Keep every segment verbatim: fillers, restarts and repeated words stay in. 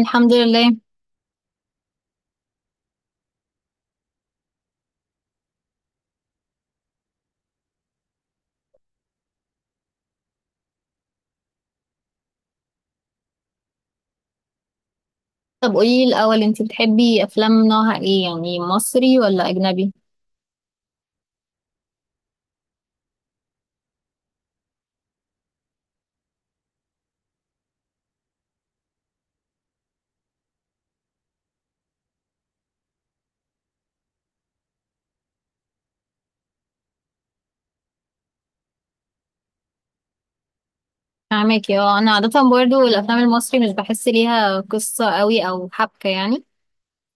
الحمد لله. طب قولي الأول انتي بتحبي أفلام نوعها ايه؟ يعني مصري ولا أجنبي؟ فاهمك. اه، أنا عادة برضو الأفلام المصري مش بحس ليها قصة قوي أو حبكة يعني.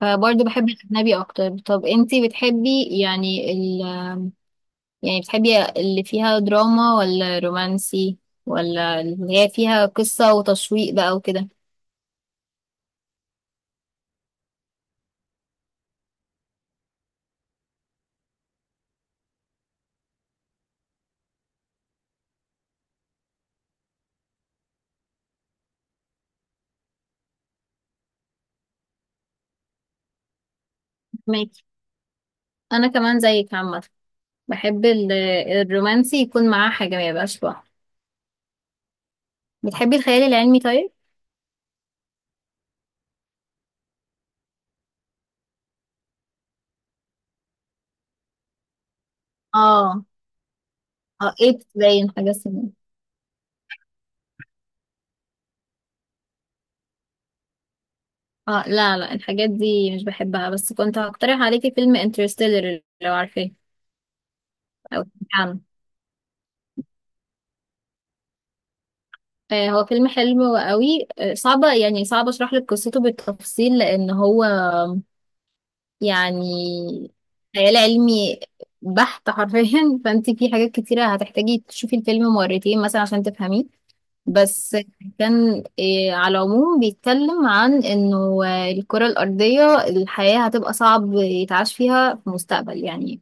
فبرضو بحب الأجنبي أكتر. طب انتي بتحبي يعني ال... يعني بتحبي اللي فيها دراما ولا رومانسي؟ ولا اللي هي فيها قصة وتشويق بقى وكده؟ فاهمك. أنا كمان زيك عامة، بحب ال... الرومانسي يكون معاه حاجة ما يبقاش لوحده. بتحبي الخيال العلمي طيب؟ اه، اه، ايه باين حاجة اسمها. اه، لا، لا، الحاجات دي مش بحبها، بس كنت هقترح عليكي فيلم انترستيلر لو عارفاه او سمعتي عنه. آه، هو فيلم حلو قوي. آه صعبة، يعني صعب اشرح لك قصته بالتفصيل لان هو يعني خيال علمي بحت حرفيا فانت في حاجات كتيرة هتحتاجي تشوفي الفيلم مرتين مثلا عشان تفهميه. بس كان إيه، على العموم بيتكلم عن انه آه، الكرة الأرضية الحياة هتبقى صعب يتعاش فيها في المستقبل يعني.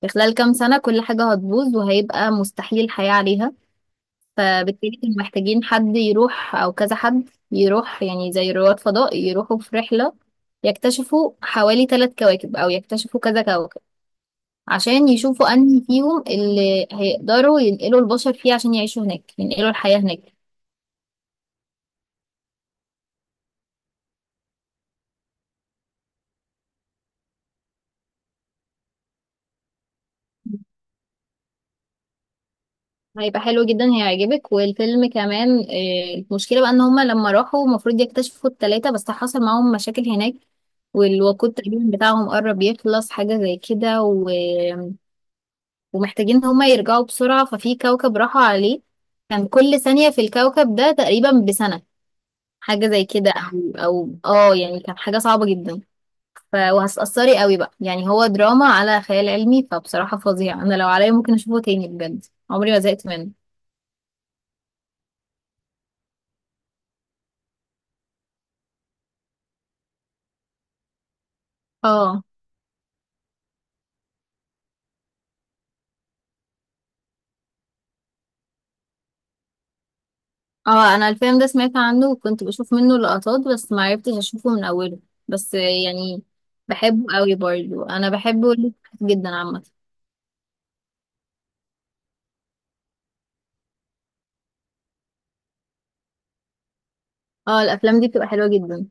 في خلال كام سنة كل حاجة هتبوظ وهيبقى مستحيل حياة عليها. فبالتالي كانوا محتاجين حد يروح أو كذا حد يروح، يعني زي رواد فضاء يروحوا في رحلة يكتشفوا حوالي ثلاث كواكب أو يكتشفوا كذا كوكب، عشان يشوفوا أنهي فيهم اللي هيقدروا ينقلوا البشر فيه، عشان يعيشوا هناك، ينقلوا الحياة هناك. هيبقى حلو جدا، هيعجبك. والفيلم كمان آه، المشكلة بقى ان هما لما راحوا المفروض يكتشفوا التلاتة، بس حصل معاهم مشاكل هناك، والوقود تقريبا بتاعهم قرب يخلص، حاجة زي كده و... ومحتاجين ان هما يرجعوا بسرعة. ففي كوكب راحوا عليه كان كل ثانية في الكوكب ده تقريبا بسنة، حاجة زي كده او او اه يعني كانت حاجة صعبة جدا. ف... وهتأثري قوي بقى، يعني هو دراما على خيال علمي، فبصراحة فظيع. انا لو عليا ممكن اشوفه تاني بجد، عمري ما زهقت منه. اه، اه انا الفيلم ده سمعت عنه وكنت بشوف منه لقطات بس ما عرفتش اشوفه من اوله، بس يعني بحبه قوي برضه، انا بحبه جدا عامه. اه، الافلام دي بتبقى حلوه جدا.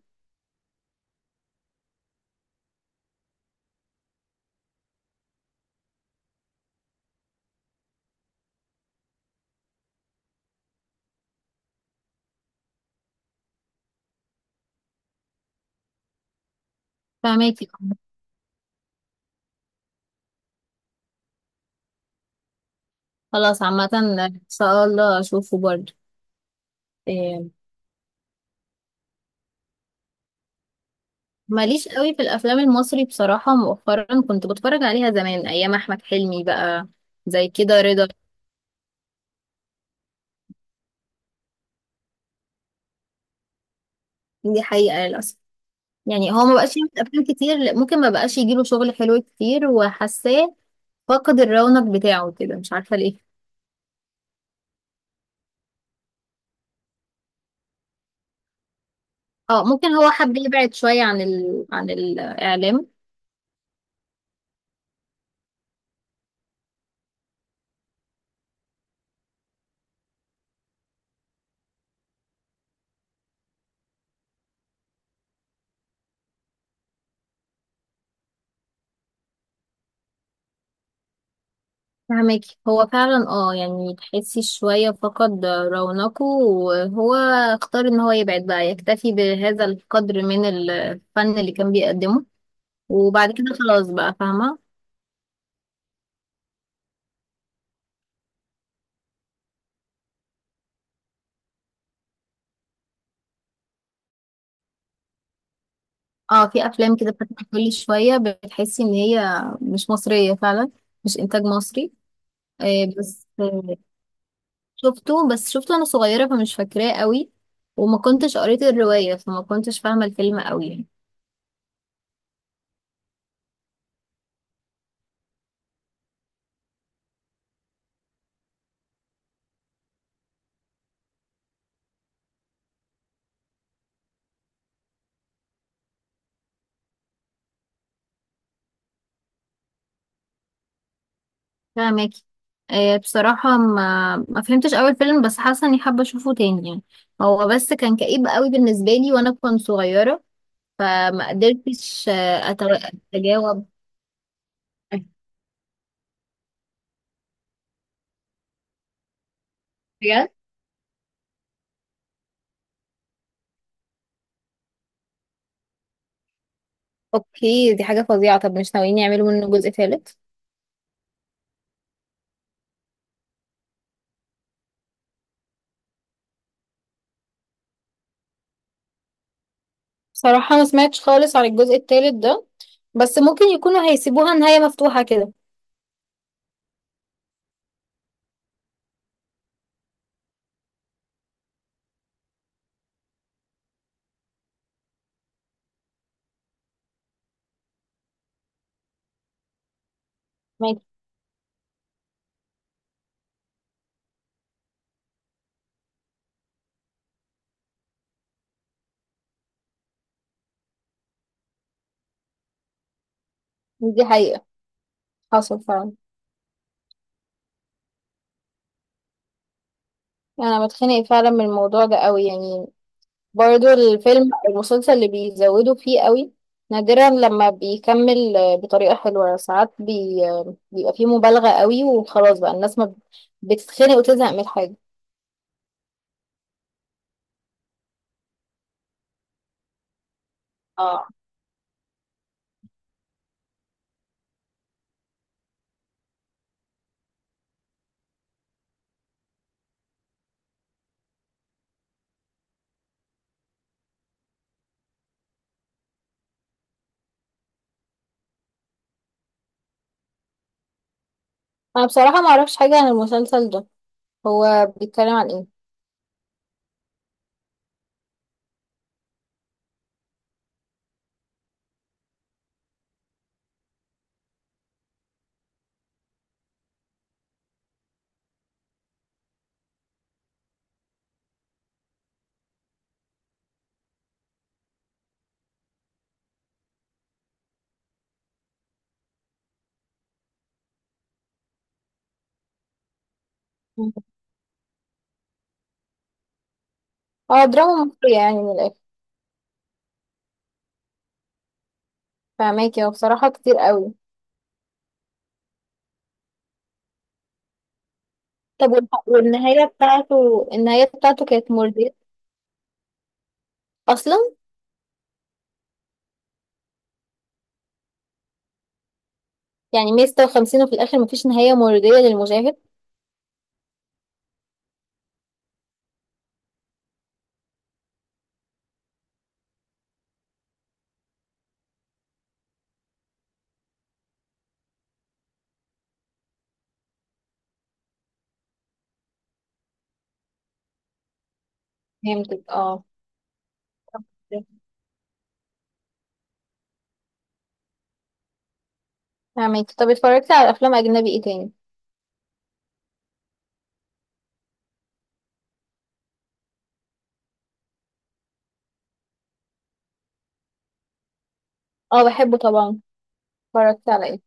فهماكي. خلاص عامه ان شاء الله اشوفه برضه. إيه، ماليش قوي في الافلام المصري بصراحه. مؤخرا كنت بتفرج عليها زمان ايام احمد حلمي بقى، زي كده رضا. دي حقيقه للاسف، يعني هو ما بقاش يعمل افلام كتير، ممكن ما بقاش يجيله شغل حلو كتير، وحاساه فقد الرونق بتاعه كده، مش عارفة ليه. اه، ممكن هو حب يبعد شوية عن ال... عن الإعلام. فهمك. هو فعلا، اه يعني تحسي شوية فقد رونقه، وهو اختار ان هو يبعد بقى، يكتفي بهذا القدر من الفن اللي كان بيقدمه، وبعد كده خلاص بقى، فاهمة. اه، في افلام كده بتطلع كل شوية بتحسي ان هي مش مصرية فعلا، مش انتاج مصري. آه، بس شفته بس شفته وانا صغيرة فمش فاكراه قوي، وما كنتش قريت الرواية فما كنتش فاهمة الفيلم قوي يعني. فاهماكي. آه، بصراحة ما ما فهمتش اول فيلم، بس حاسة اني حابة اشوفه تاني يعني. هو بس كان كئيب قوي بالنسبة لي وانا كنت صغيرة، فما قدرتش آه، أتو- اتجاوب. بجد؟ اوكي، دي حاجة فظيعة. طب مش ناويين يعملوا منه جزء ثالث؟ بصراحة ما سمعتش خالص عن الجزء التالت ده، بس ممكن يكونوا هيسيبوها نهاية مفتوحة كده. ماشي. دي حقيقة، حصل فعلا. يعني انا بتخنق فعلا من الموضوع ده قوي يعني، برضو الفيلم او المسلسل اللي بيزودوا فيه قوي نادرا لما بيكمل آه، بطريقة حلوة. ساعات بي... آه، بيبقى فيه مبالغة قوي وخلاص بقى الناس ما ب- بتتخنق وتزهق من الحاجة. اه، انا بصراحة ما اعرفش حاجة عن المسلسل ده. هو بيتكلم عن ايه؟ مم. اه، دراما مصرية يعني من الاخر. فهماكي. هو بصراحة كتير قوي. طب والح- والنهاية بتاعته، النهاية بتاعته كانت مرضية اصلا؟ يعني مية وستة وخمسين وفي الاخر مفيش نهاية مرضية للمشاهد؟ فهمتك اه فهمك. طب اتفرجتي على افلام اجنبي ايه تاني؟ اه، بحبه طبعا. اتفرجت على ايه؟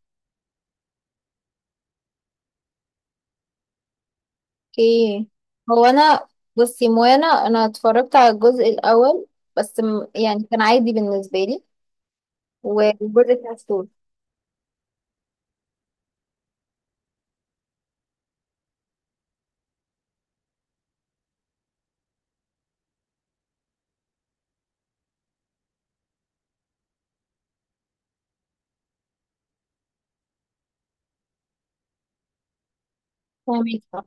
اوكي. هو انا بصي، موانا، انا اتفرجت على الجزء الاول، بس م- يعني كان عادي بالنسبه لي. والجزء الثالث؟ فهماكي. آه.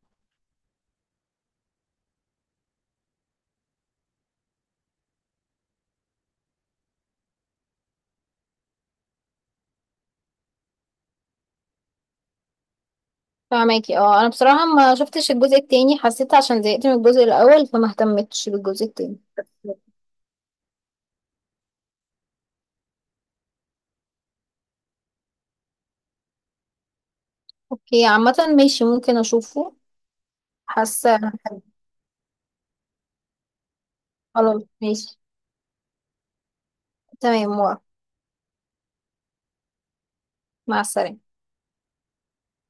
فهماكي. اه، انا بصراحه ما شفتش الجزء التاني، حسيت عشان زهقت من الجزء الاول، فما اهتمتش بالجزء التاني. اوكي عامه، ماشي، ممكن اشوفه. حاسه. خلاص ماشي. تمام، موافقة. مع السلامه.